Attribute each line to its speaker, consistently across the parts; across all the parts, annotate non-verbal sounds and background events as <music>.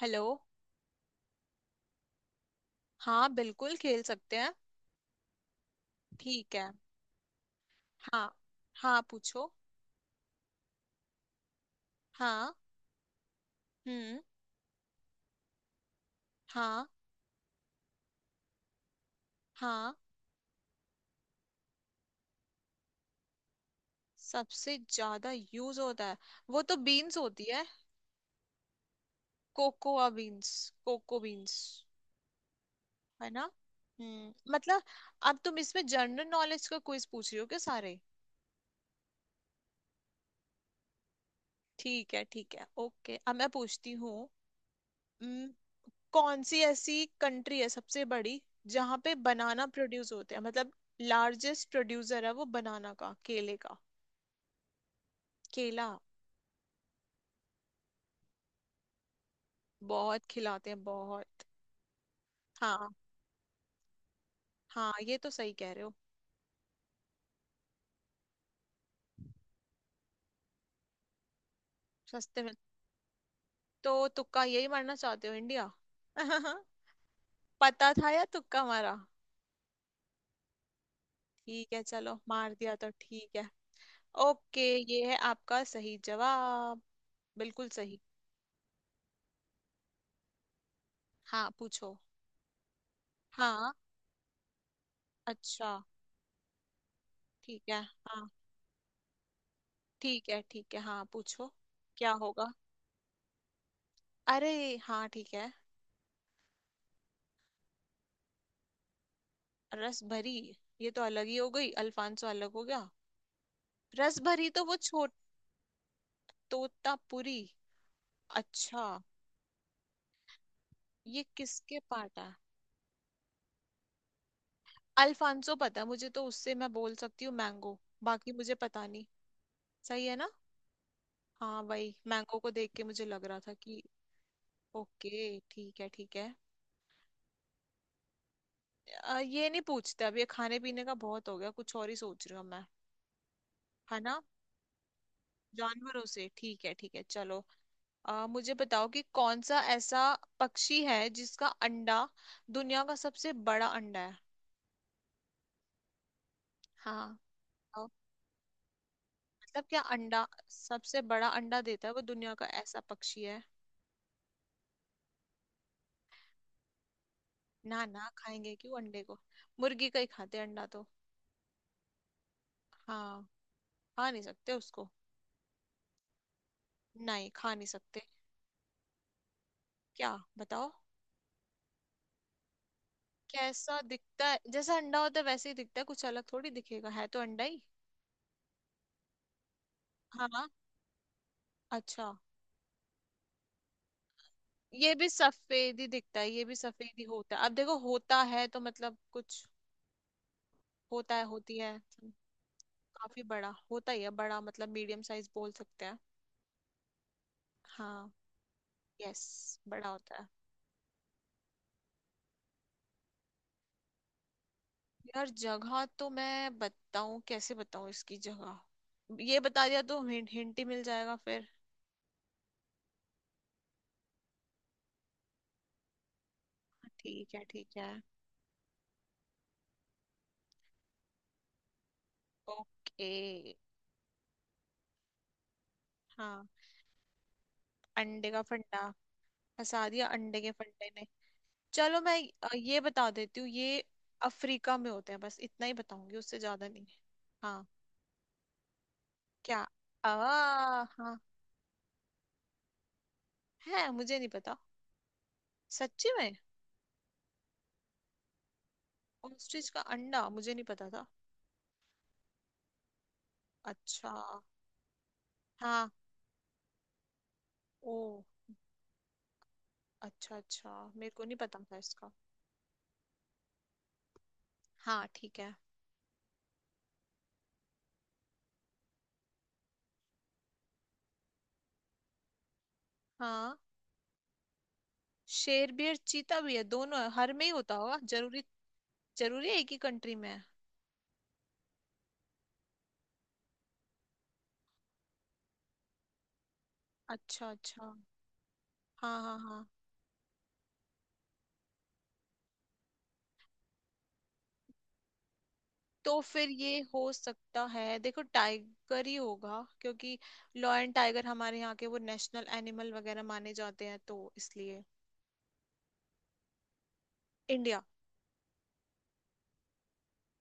Speaker 1: Hello. हाँ बिल्कुल खेल सकते हैं। ठीक है। हाँ, हाँ पूछो। हाँ। हम्म। हाँ। हाँ। सबसे ज्यादा यूज होता है, वो तो बीन्स होती है। Cocoa beans, cocoa beans. है ना। हम्म, मतलब। अब तुम इसमें जनरल नॉलेज का क्विज पूछ रही हो क्या सारे। ठीक है, ठीक है, ओके, अब मैं पूछती हूँ। कौन सी ऐसी कंट्री है सबसे बड़ी जहां पे बनाना प्रोड्यूस होते हैं, मतलब लार्जेस्ट प्रोड्यूसर है वो बनाना का, केले का। केला बहुत खिलाते हैं बहुत। हाँ, हाँ ये तो सही कह रहे हो। सस्ते में? तो तुक्का यही मारना चाहते हो, इंडिया। <laughs> पता था या तुक्का मारा। ठीक है, चलो मार दिया तो ठीक है। ओके। ये है आपका सही जवाब, बिल्कुल सही। हाँ पूछो। हाँ। अच्छा। ठीक है। हाँ, ठीक है, ठीक है, हाँ पूछो। क्या होगा? अरे हाँ, ठीक है। रस भरी? ये तो अलग ही हो गई। अल्फांसो अलग हो गया। रस भरी तो वो छो। तोतापुरी। अच्छा। ये किसके पार्ट है? अल्फांसो पता है मुझे, तो उससे मैं बोल सकती हूँ मैंगो। बाकी मुझे पता नहीं। सही है ना। हाँ वही, मैंगो को देख के मुझे लग रहा था कि। ओके, ठीक है ठीक है। ये नहीं पूछते अब, ये खाने पीने का बहुत हो गया, कुछ और ही सोच रही हूँ मैं। है ना। जानवरों से ठीक है, ठीक है चलो। मुझे बताओ कि कौन सा ऐसा पक्षी है जिसका अंडा दुनिया का सबसे बड़ा अंडा है। हाँ। बताओ। मतलब क्या अंडा, सबसे बड़ा अंडा देता है वो, दुनिया का ऐसा पक्षी है। ना ना, खाएंगे क्यों अंडे को। मुर्गी का ही खाते हैं अंडा तो। हाँ। खा नहीं सकते उसको। नहीं, खा नहीं सकते। क्या? बताओ। कैसा दिखता है? जैसा अंडा होता है वैसे ही दिखता है, कुछ अलग थोड़ी दिखेगा, है तो अंडा ही। हाँ, अच्छा। ये भी सफेद ही दिखता है, ये भी सफेद ही होता है। अब देखो होता है तो मतलब कुछ, होता है, होती है। काफी बड़ा होता ही है, बड़ा मतलब मीडियम साइज बोल सकते हैं। हाँ। यस, बड़ा होता है। यार जगह तो मैं बताऊं कैसे, बताऊं इसकी जगह? ये बता दिया तो हिंट, हिंट ही मिल जाएगा फिर। ठीक है, ठीक है। ओके। हाँ। अंडे का फंडा। फंसा दिया अंडे के फंडे ने। चलो मैं, ये बता देती हूँ ये अफ्रीका में होते हैं, बस इतना ही बताऊंगी, उससे ज्यादा नहीं। हाँ। क्या? आ। हाँ, है, मुझे नहीं पता। सच्ची में? ऑस्ट्रिच का अंडा मुझे नहीं पता था। अच्छा, हाँ, ओ। अच्छा अच्छा, मेरे को नहीं पता था इसका। हाँ, ठीक है। हाँ। शेर भी है, चीता भी है, दोनों है, हर में ही होता होगा जरूरी। जरूरी है एक ही कंट्री में है? अच्छा अच्छा। हाँ हाँ हाँ। तो फिर ये हो सकता है, देखो टाइगर ही होगा, क्योंकि लॉयन टाइगर हमारे यहाँ के वो नेशनल एनिमल वगैरह माने जाते हैं तो इसलिए। इंडिया।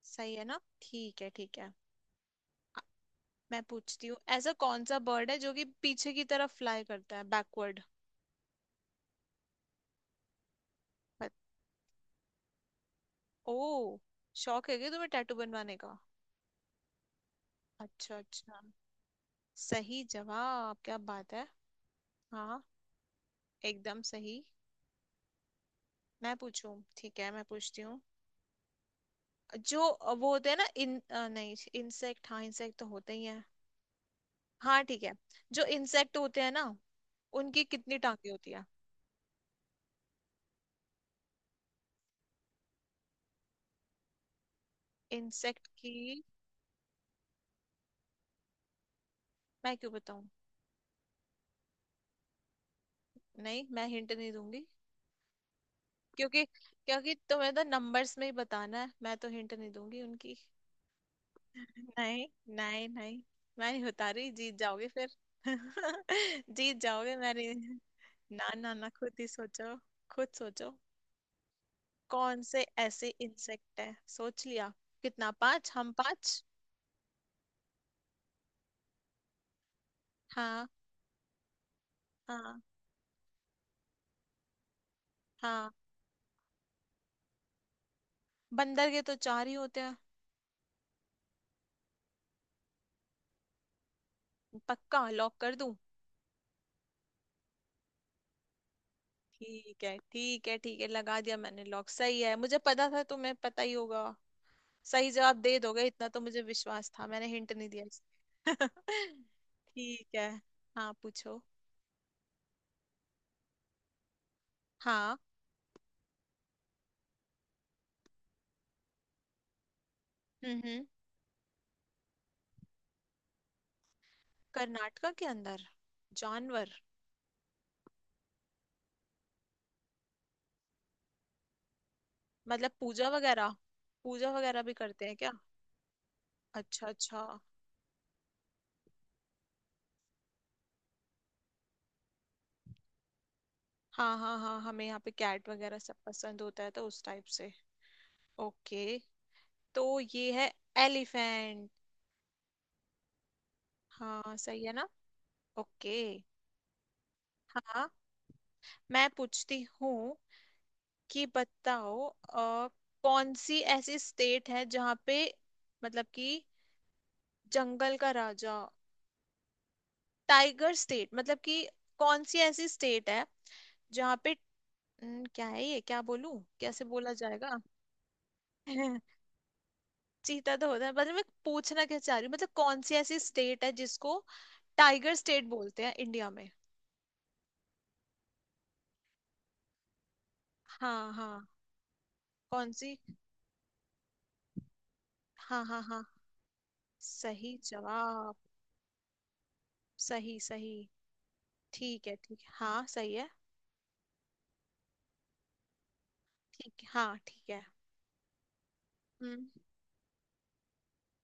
Speaker 1: सही है ना। ठीक है ठीक है। आ- मैं पूछती हूँ, ऐसा कौन सा बर्ड है जो कि पीछे की तरफ फ्लाई करता है, बैकवर्ड। ओ, शौक है क्या तुम्हें टैटू बनवाने का? अच्छा अच्छा। सही जवाब, क्या बात है। हाँ। एकदम सही। मैं पूछूं, ठीक है, मैं पूछती हूँ। जो वो होते हैं ना, नहीं इंसेक्ट, हाँ इंसेक्ट तो होते ही हैं। हाँ, ठीक है। जो इंसेक्ट होते हैं ना, उनकी कितनी टांगे होती है? इंसेक्ट की। मैं क्यों बताऊं? नहीं, मैं हिंट नहीं दूंगी। क्योंकि क्योंकि तुम्हें तो नंबर्स में ही बताना है, मैं तो हिंट नहीं दूंगी उनकी। नहीं। नहीं नहीं। मैं नहीं बता रही, जीत जाओगे फिर। <laughs> जीत जाओगे, मैं नहीं। ना ना ना, खुद ही सोचो। खुद सोचो। कौन से ऐसे इंसेक्ट है सोच लिया? कितना, पांच? हम पांच। हाँ। हाँ। हाँ। बंदर के तो चार ही होते हैं। पक्का लॉक कर दूं? ठीक है ठीक है ठीक है, लगा दिया मैंने लॉक। सही है, मुझे पता था तुम्हें पता ही होगा। सही जवाब दे दोगे, इतना तो मुझे विश्वास था, मैंने हिंट नहीं दिया इसलिए। <laughs> ठीक है, हाँ पूछो। हाँ। हम्म। कर्नाटका के अंदर जानवर? मतलब पूजा वगैरह, पूजा वगैरह भी करते हैं क्या? अच्छा अच्छा। हाँ हाँ हाँ, हमें यहाँ पे कैट वगैरह सब पसंद होता है, तो उस टाइप से। ओके, तो ये है एलिफेंट। हाँ सही है ना। ओके। हाँ, मैं पूछती हूँ कि बताओ, कौन सी ऐसी स्टेट है जहाँ पे, मतलब कि जंगल का राजा, टाइगर स्टेट, मतलब कि कौन सी ऐसी स्टेट है जहाँ पे, न, क्या है ये, क्या बोलूं, कैसे बोला जाएगा। <laughs> चीता तो होता है, मतलब मैं पूछना क्या चाह रही हूँ, मतलब कौन सी ऐसी स्टेट है जिसको टाइगर स्टेट बोलते हैं इंडिया में। हाँ हाँ। कौन सी? हाँ हाँ हाँ सही जवाब। सही सही। ठीक है ठीक है, हाँ सही है। ठीक है, हाँ ठीक है। हम्म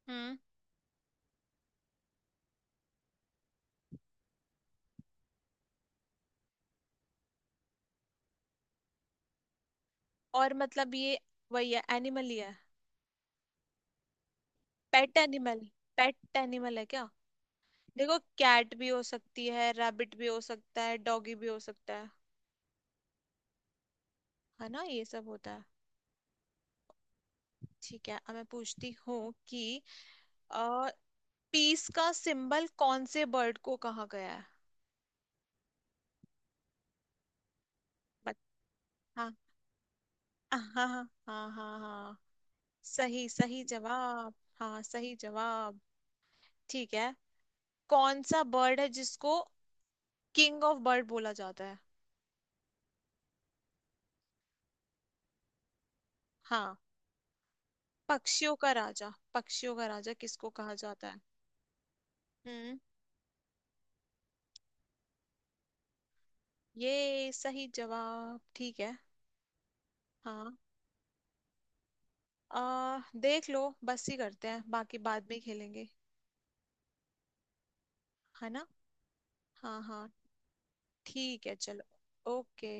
Speaker 1: हम्म। और मतलब ये, वही है, एनिमल ही है। पेट एनिमल, पेट एनिमल है क्या? देखो कैट भी हो सकती है, रैबिट भी हो सकता है, डॉगी भी हो सकता है। है ना, ये सब होता है। ठीक है, अब मैं पूछती हूँ कि, आ, पीस का सिंबल कौन से बर्ड को कहा गया है? बत- हाँ, हाँ हाँ हाँ, हाँ हाँ। सही, सही जवाब। हाँ सही जवाब। ठीक है। कौन सा बर्ड है जिसको किंग ऑफ बर्ड बोला जाता है? हाँ। पक्षियों का राजा, पक्षियों का राजा किसको कहा जाता है? हम्म। ये सही जवाब, ठीक है। हाँ। देख लो बस ही करते हैं, बाकी बाद में खेलेंगे। है ना। हाँ हाँ। ठीक है चलो। ओके।